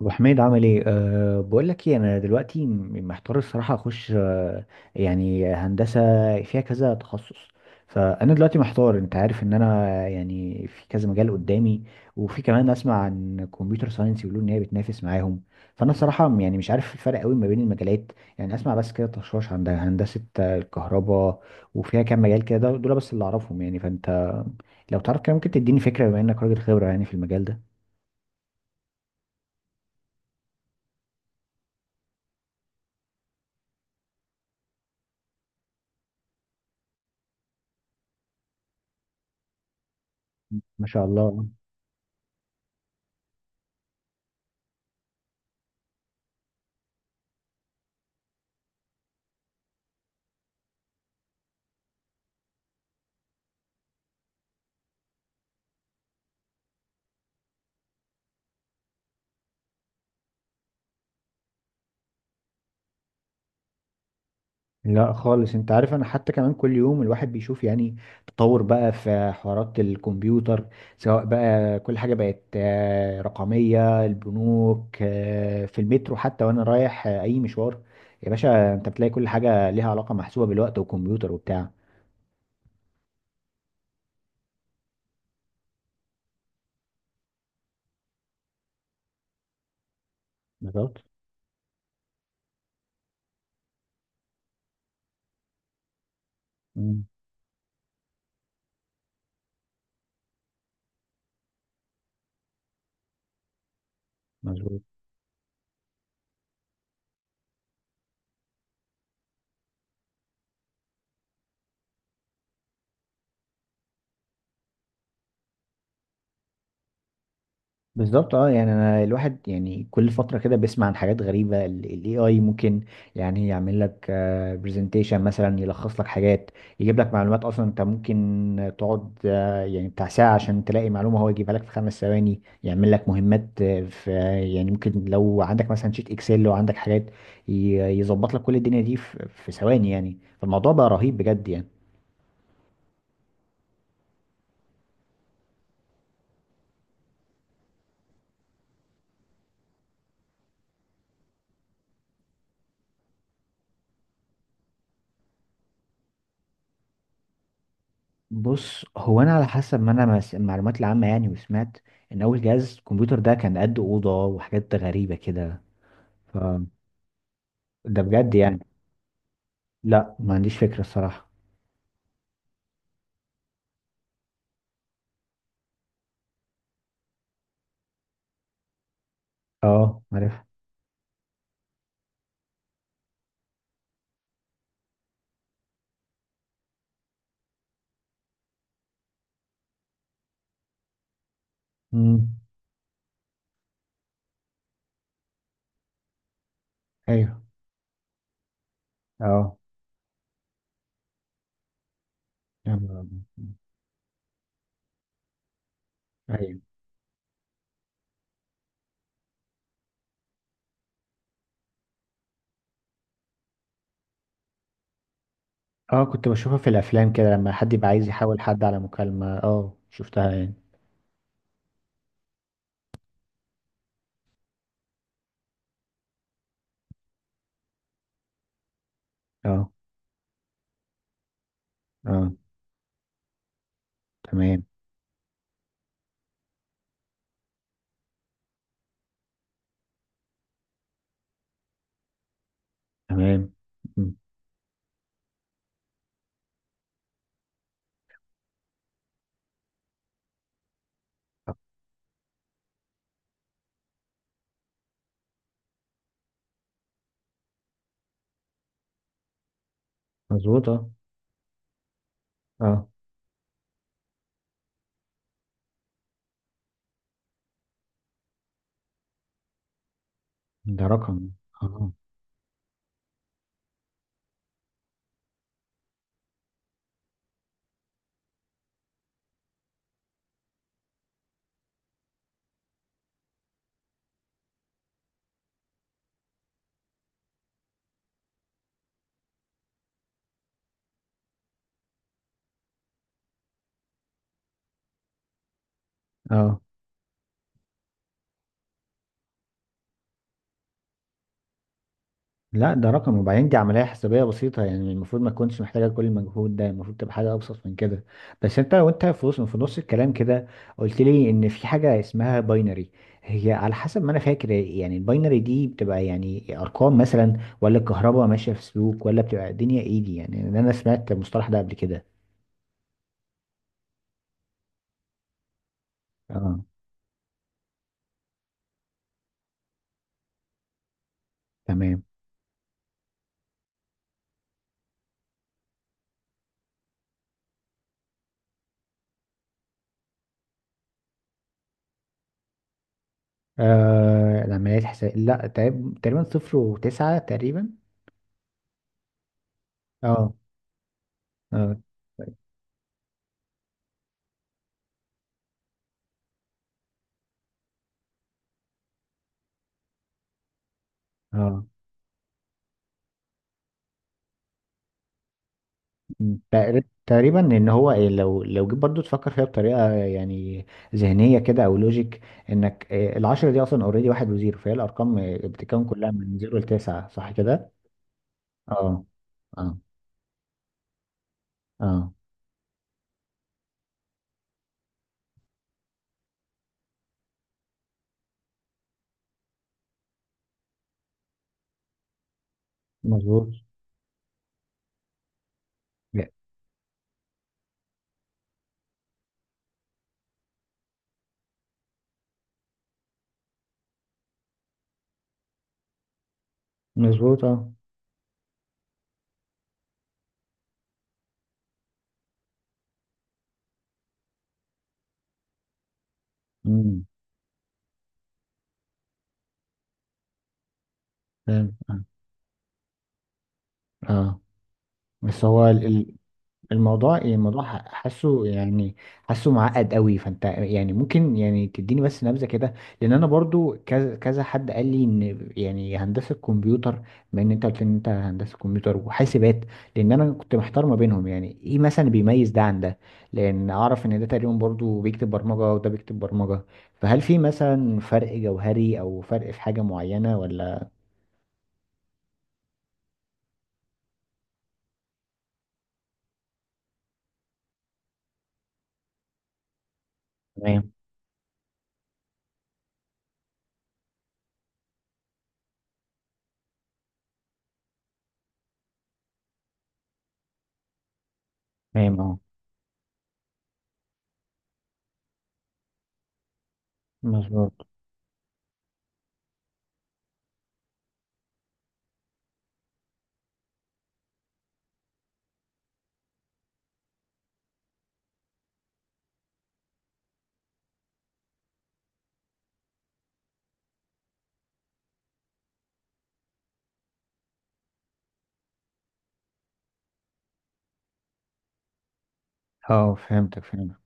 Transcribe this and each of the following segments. ابو حميد، عامل ايه؟ بقول لك ايه، انا دلوقتي محتار الصراحه، اخش يعني هندسه فيها كذا تخصص. فانا دلوقتي محتار، انت عارف ان انا يعني في كذا مجال قدامي، وفي كمان اسمع عن كمبيوتر ساينس، يقولوا ان هي بتنافس معاهم. فانا الصراحه يعني مش عارف الفرق قوي ما بين المجالات، يعني اسمع بس كده تشوش، عند هندسه الكهرباء، وفيها كام مجال كده، دول بس اللي اعرفهم يعني. فانت لو تعرف كده ممكن تديني فكره، بما انك راجل خبره يعني في المجال ده. ما شاء الله. لا خالص، انت عارف انا حتى كمان كل يوم الواحد بيشوف يعني تطور بقى في حوارات الكمبيوتر، سواء بقى كل حاجة بقت رقمية، البنوك في المترو، حتى وانا رايح اي مشوار، يا باشا، انت بتلاقي كل حاجة ليها علاقة محسوبة بالوقت والكمبيوتر وبتاع. بالظبط. مم. مظبوط. بالظبط، اه، يعني انا الواحد يعني كل فتره كده بيسمع عن حاجات غريبه، الاي اي ممكن يعني يعمل لك برزنتيشن مثلا، يلخص لك حاجات، يجيب لك معلومات. اصلا انت ممكن تقعد يعني بتاع ساعه عشان تلاقي معلومه، هو يجيبها لك في 5 ثواني. يعمل لك مهمات في، يعني ممكن لو عندك مثلا شيت اكسل، لو عندك حاجات ي- يظبط لك كل الدنيا دي في ثواني يعني، فالموضوع بقى رهيب بجد يعني. بص هو انا على حسب ما انا المعلومات العامه يعني، وسمعت ان اول جهاز كمبيوتر ده كان قد اوضه وحاجات غريبه كده. ف ده بجد يعني. لا، ما عنديش فكره الصراحه. اه عارف. امم. ايوه. اه. يا نهار أبيض. ايوه، اه كنت بشوفها في الافلام كده لما حد يبقى عايز يحاول حد على مكالمه، اه شفتها يعني. اه. اه. تمام. تمام. مم. مظبوط. اه. اه ده رقم. اه. اه، لا ده رقم، وبعدين دي عملية حسابية بسيطة يعني، المفروض ما تكونش محتاجة كل المجهود ده، المفروض تبقى حاجة أبسط من كده. بس أنت، وأنت في وسط، في نص الكلام كده، قلت لي إن في حاجة اسمها باينري، هي على حسب ما أنا فاكر يعني الباينري دي بتبقى يعني أرقام مثلا، ولا الكهرباء ماشية في سلوك، ولا بتبقى الدنيا إيه دي، يعني إن أنا سمعت المصطلح ده قبل كده. أه. تمام. آه، العمليات حساب، لا، تقريبا، تقريباً 0 و9 تقريبا. أه. أه. أه. تقريبا ان هو إيه، لو جيت برضو تفكر فيها بطريقه يعني ذهنيه كده، او لوجيك، انك إيه العشرة دي اصلا اوريدي 1 و0، فهي الارقام إيه بتتكون كلها من 0 ل9، صح كده؟ اه. اه. اه. مظبوط. مظبوط. اه. امم. فاهم. اه. آه. بس هو الموضوع، يعني الموضوع حاسه، يعني حاسه معقد قوي. فانت يعني ممكن يعني تديني بس نبذه كده، لان انا برضو كذا كذا حد قال لي ان يعني هندسه كمبيوتر، بما ان انت قلت ان انت هندسه كمبيوتر وحاسبات، لان انا كنت محتار ما بينهم، يعني ايه مثلا بيميز ده عن ده، لان اعرف ان ده تقريبا برضو بيكتب برمجه وده بيكتب برمجه، فهل في مثلا فرق جوهري او فرق في حاجه معينه ولا؟ تمام. تمام. اه. مظبوط. اه، فهمتك، فهمتك.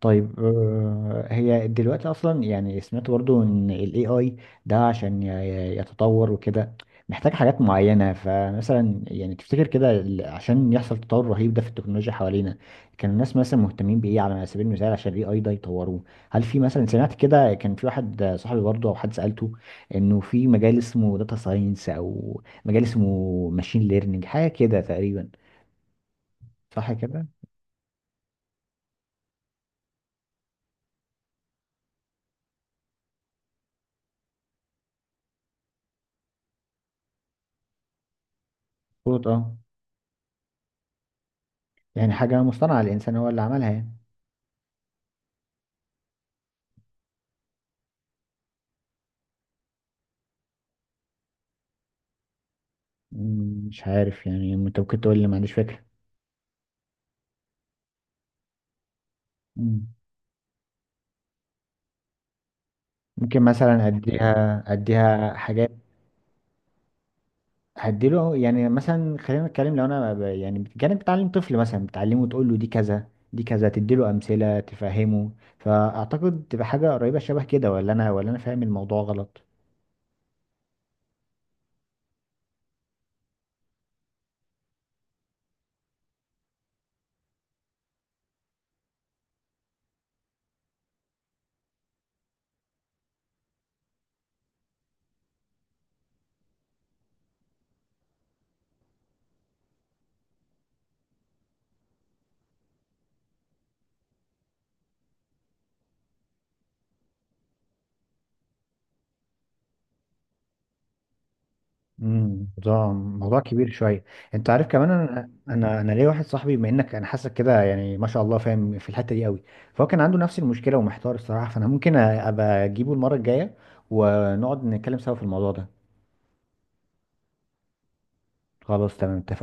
طيب، هي دلوقتي اصلا يعني سمعت برضو ان الاي اي ده، عشان يتطور وكده، محتاج حاجات معينة، فمثلا يعني تفتكر كده عشان يحصل تطور رهيب ده في التكنولوجيا حوالينا، كان الناس مثلا مهتمين بايه على سبيل المثال عشان الاي اي ده يطوروه؟ هل في مثلا سمعت كده كان في واحد صاحبي برضو او حد سألته انه في مجال اسمه داتا ساينس او مجال اسمه ماشين ليرنينج، حاجة كده تقريبا، صح كده؟ مظبوط. اه، يعني حاجة مصطنعة الانسان هو اللي عملها يعني. مش عارف يعني، انت ممكن تقول لي، ما عنديش فكرة. مم. ممكن مثلا اديها حاجات، هديله يعني مثلا، خلينا نتكلم، لو انا يعني كانك بتعلم طفل مثلا بتعلمه، تقول له دي كذا دي كذا، تديله امثلة تفهمه، فاعتقد تبقى حاجة قريبة شبه كده، ولا انا فاهم الموضوع غلط. ده موضوع كبير شويه. انت عارف كمان، انا ليا واحد صاحبي، بما انك انا حاسك كده يعني ما شاء الله فاهم في الحته دي قوي، فهو كان عنده نفس المشكله ومحتار الصراحه، فانا ممكن ابقى اجيبه المره الجايه ونقعد نتكلم سوا في الموضوع ده. خلاص تمام، اتفقنا.